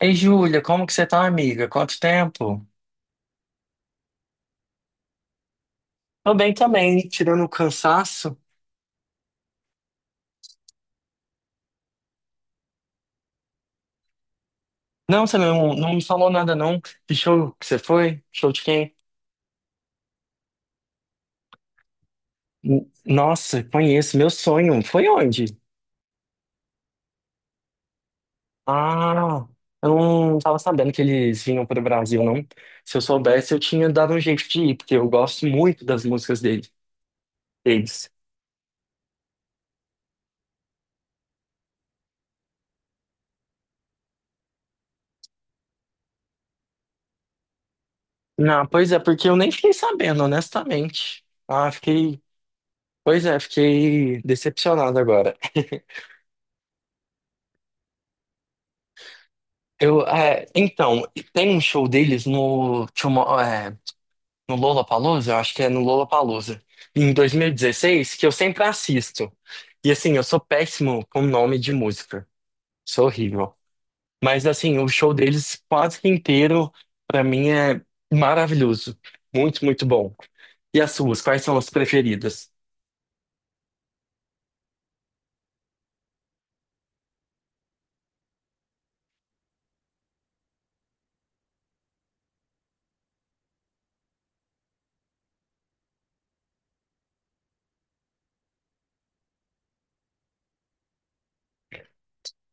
Ei, Júlia, como que você tá, amiga? Quanto tempo? Tô bem também, tirando o cansaço. Não, você não me falou nada, não. Que show que você foi? Show de quem? Nossa, conheço, meu sonho. Foi onde? Ah, eu não tava sabendo que eles vinham pro Brasil, não. Se eu soubesse, eu tinha dado um jeito de ir, porque eu gosto muito das músicas deles. Não, pois é, porque eu nem fiquei sabendo, honestamente. Ah, fiquei. Pois é, fiquei decepcionado agora. Então, tem um show deles no Lollapalooza, eu acho que é no Lollapalooza, em 2016 que eu sempre assisto. E assim, eu sou péssimo com nome de música, sou horrível. Mas assim, o show deles quase que inteiro, pra mim, é maravilhoso. Muito, muito bom. E as suas, quais são as preferidas?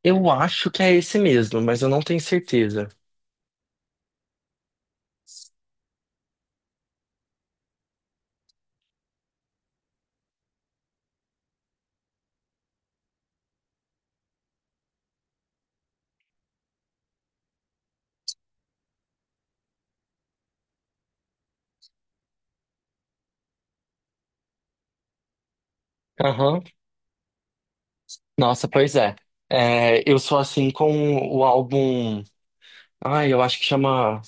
Eu acho que é esse mesmo, mas eu não tenho certeza. Aham. Nossa, pois é. É, eu sou assim com o álbum. Ah, eu acho que chama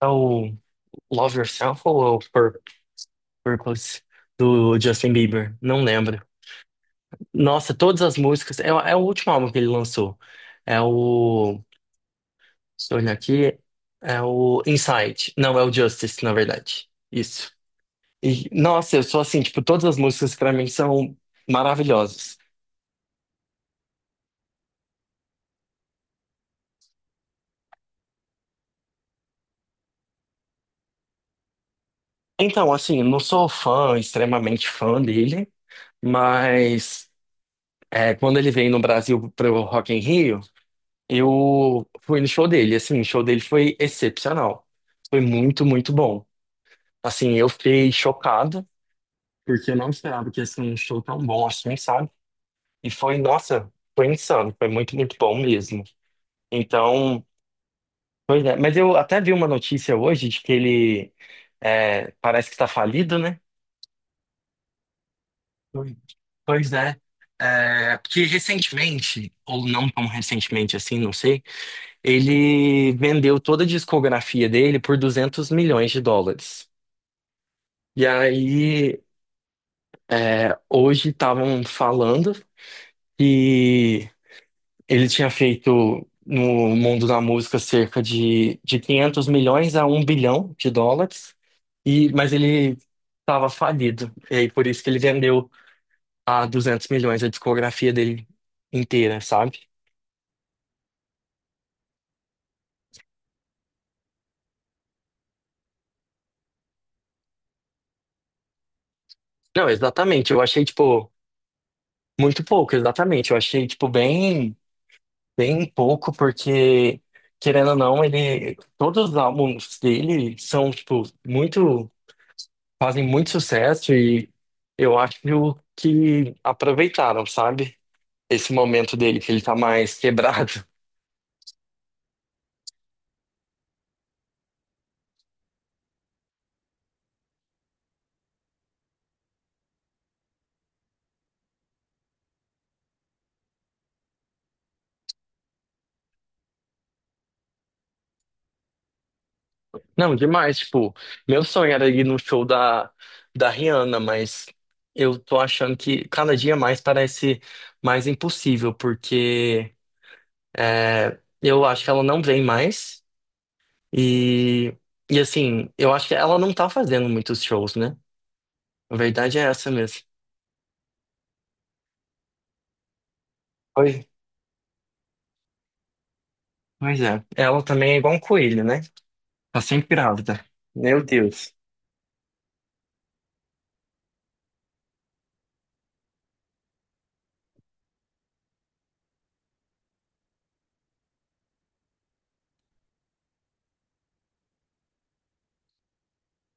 é o Love Yourself ou é o Purpose do Justin Bieber. Não lembro. Nossa, todas as músicas. É, é o último álbum que ele lançou. É o. Se eu olhar aqui, é o Inside. Não, é o Justice, na verdade. Isso. E, nossa, eu sou assim, tipo, todas as músicas pra mim são maravilhosas. Então, assim, não sou fã, extremamente fã dele, mas é, quando ele veio no Brasil pro Rock in Rio. Eu fui no show dele, assim, o show dele foi excepcional. Foi muito, muito bom. Assim, eu fiquei chocado, porque eu não esperava que ia ser um show tão bom assim, sabe? E foi, nossa, foi insano, foi muito, muito bom mesmo. Então, pois é. Mas eu até vi uma notícia hoje de que ele é, parece que tá falido, né? Oi. Pois é, é, porque recentemente, ou não tão recentemente assim, não sei, ele vendeu toda a discografia dele por US$ 200 milhões. E aí, hoje estavam falando que ele tinha feito no mundo da música cerca de 500 milhões a US$ 1 bilhão, e, mas ele estava falido. E aí, por isso que ele vendeu a 200 milhões a discografia dele inteira, sabe? Não, exatamente. Eu achei, tipo, muito pouco, exatamente. Eu achei, tipo, bem, bem pouco, porque, querendo ou não, ele, todos os álbuns dele são, tipo, muito. Fazem muito sucesso e eu acho que aproveitaram, sabe? Esse momento dele, que ele tá mais quebrado. Não, demais, tipo, meu sonho era ir no show da Rihanna, mas eu tô achando que cada dia mais parece mais impossível, porque é, eu acho que ela não vem mais e, e assim, eu acho que ela não tá fazendo muitos shows, né? A verdade é essa mesmo. Pois, pois é. Ela também é igual um coelho, né? Tá sempre grávida. Meu Deus.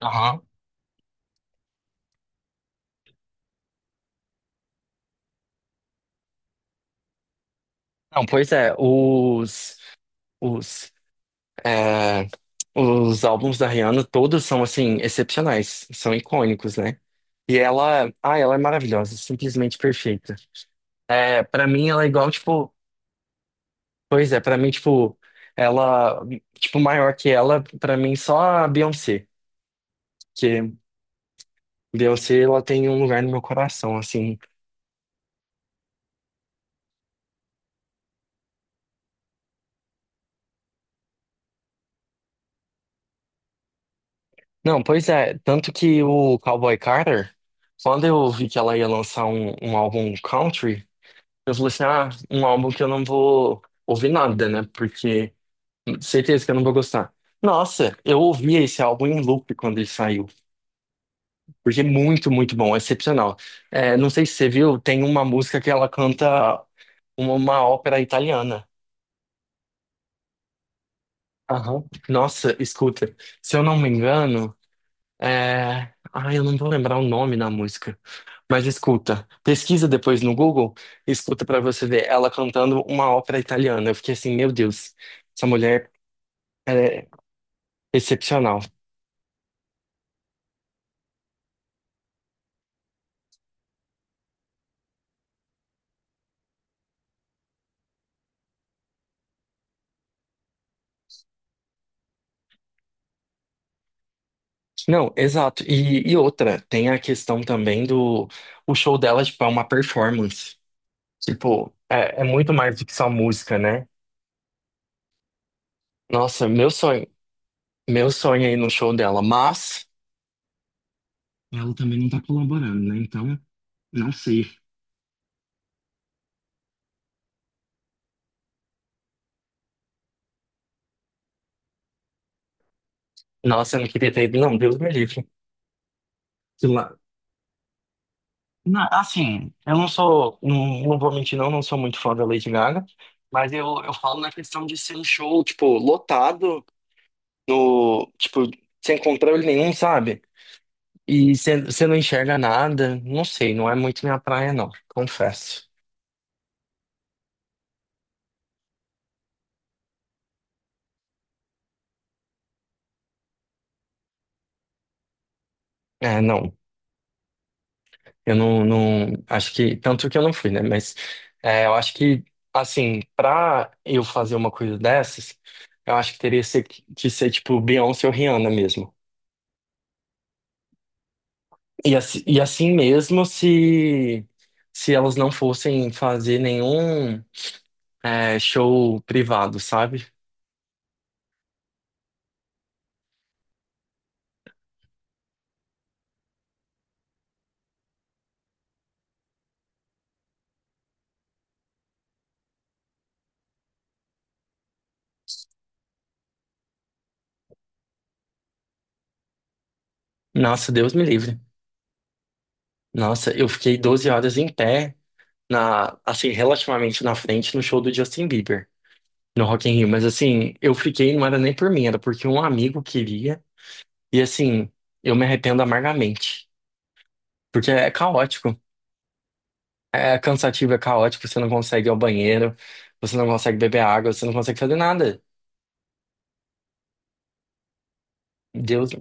Aham. Não, pois é, os, é, os álbuns da Rihanna todos são, assim, excepcionais, são icônicos, né? E ela, ah, ela é maravilhosa, simplesmente perfeita. É, para mim ela é igual, tipo, pois é, pra mim, tipo, ela, tipo, maior que ela, pra mim só a Beyoncé, que Beyoncé, ela tem um lugar no meu coração, assim, Não, pois é. Tanto que o Cowboy Carter, quando eu vi que ela ia lançar um álbum country, eu falei assim: ah, um álbum que eu não vou ouvir nada, né? Porque certeza que eu não vou gostar. Nossa, eu ouvi esse álbum em loop quando ele saiu. Porque é muito, muito bom, é excepcional. É, não sei se você viu, tem uma música que ela canta uma ópera italiana. Aham. Nossa, escuta, se eu não me engano. É... Ah, eu não vou lembrar o nome da música. Mas escuta, pesquisa depois no Google, escuta pra você ver ela cantando uma ópera italiana. Eu fiquei assim, meu Deus, essa mulher é excepcional. Não, exato. E outra, tem a questão também do o show dela, tipo, é uma performance. Tipo, é muito mais do que só música, né? Nossa, meu sonho aí no show dela, mas ela também não tá colaborando, né? Então, não sei. Nossa, eu não queria ter ido, não, Deus me livre. Sei lá. Assim, eu não sou, não, não vou mentir, não, não sou muito fã da Lady Gaga, mas eu falo na questão de ser um show, tipo, lotado, no, tipo, sem controle nenhum, sabe? E você não enxerga nada, não sei, não é muito minha praia, não, confesso. É, não. Eu não acho que tanto que eu não fui, né? Mas é, eu acho que assim, pra eu fazer uma coisa dessas, eu acho que que ser tipo Beyoncé ou Rihanna mesmo. E assim mesmo, se elas não fossem fazer nenhum é, show privado, sabe? Nossa, Deus me livre. Nossa, eu fiquei 12 horas em pé na assim relativamente na frente no show do Justin Bieber. No Rock in Rio, mas assim, eu fiquei, não era nem por mim, era porque um amigo queria, e assim, eu me arrependo amargamente, porque é caótico, é cansativo, é caótico, você não consegue ir ao banheiro, você não consegue beber água, você não consegue fazer nada. Deus.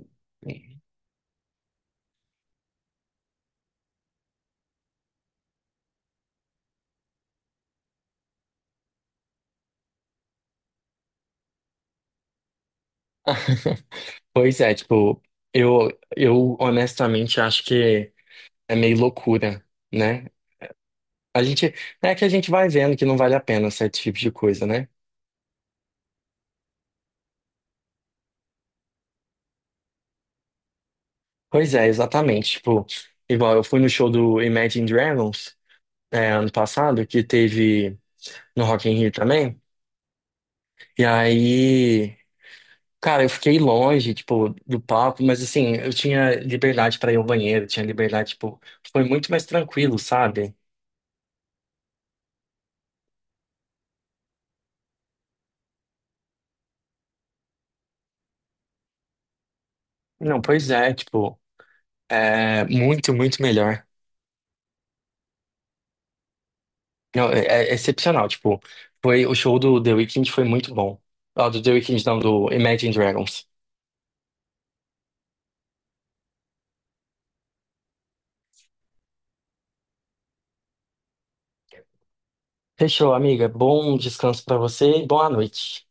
Pois é, tipo, eu, eu honestamente acho que é meio loucura, né? A gente, é que a gente vai vendo que não vale a pena certo tipo de coisa, né? Pois é, exatamente. Tipo, igual eu fui no show do Imagine Dragons, é, ano passado, que teve no Rock in Rio também. E aí, cara, eu fiquei longe, tipo, do palco, mas assim, eu tinha liberdade pra ir ao banheiro, tinha liberdade, tipo, foi muito mais tranquilo, sabe? Não, pois é, tipo, é muito, muito melhor. Não, é, é excepcional, tipo, foi o show do The Weeknd foi muito bom. Ah, do The Weeknd, não, do Imagine Dragons. Fechou, amiga. Bom descanso para você e boa noite.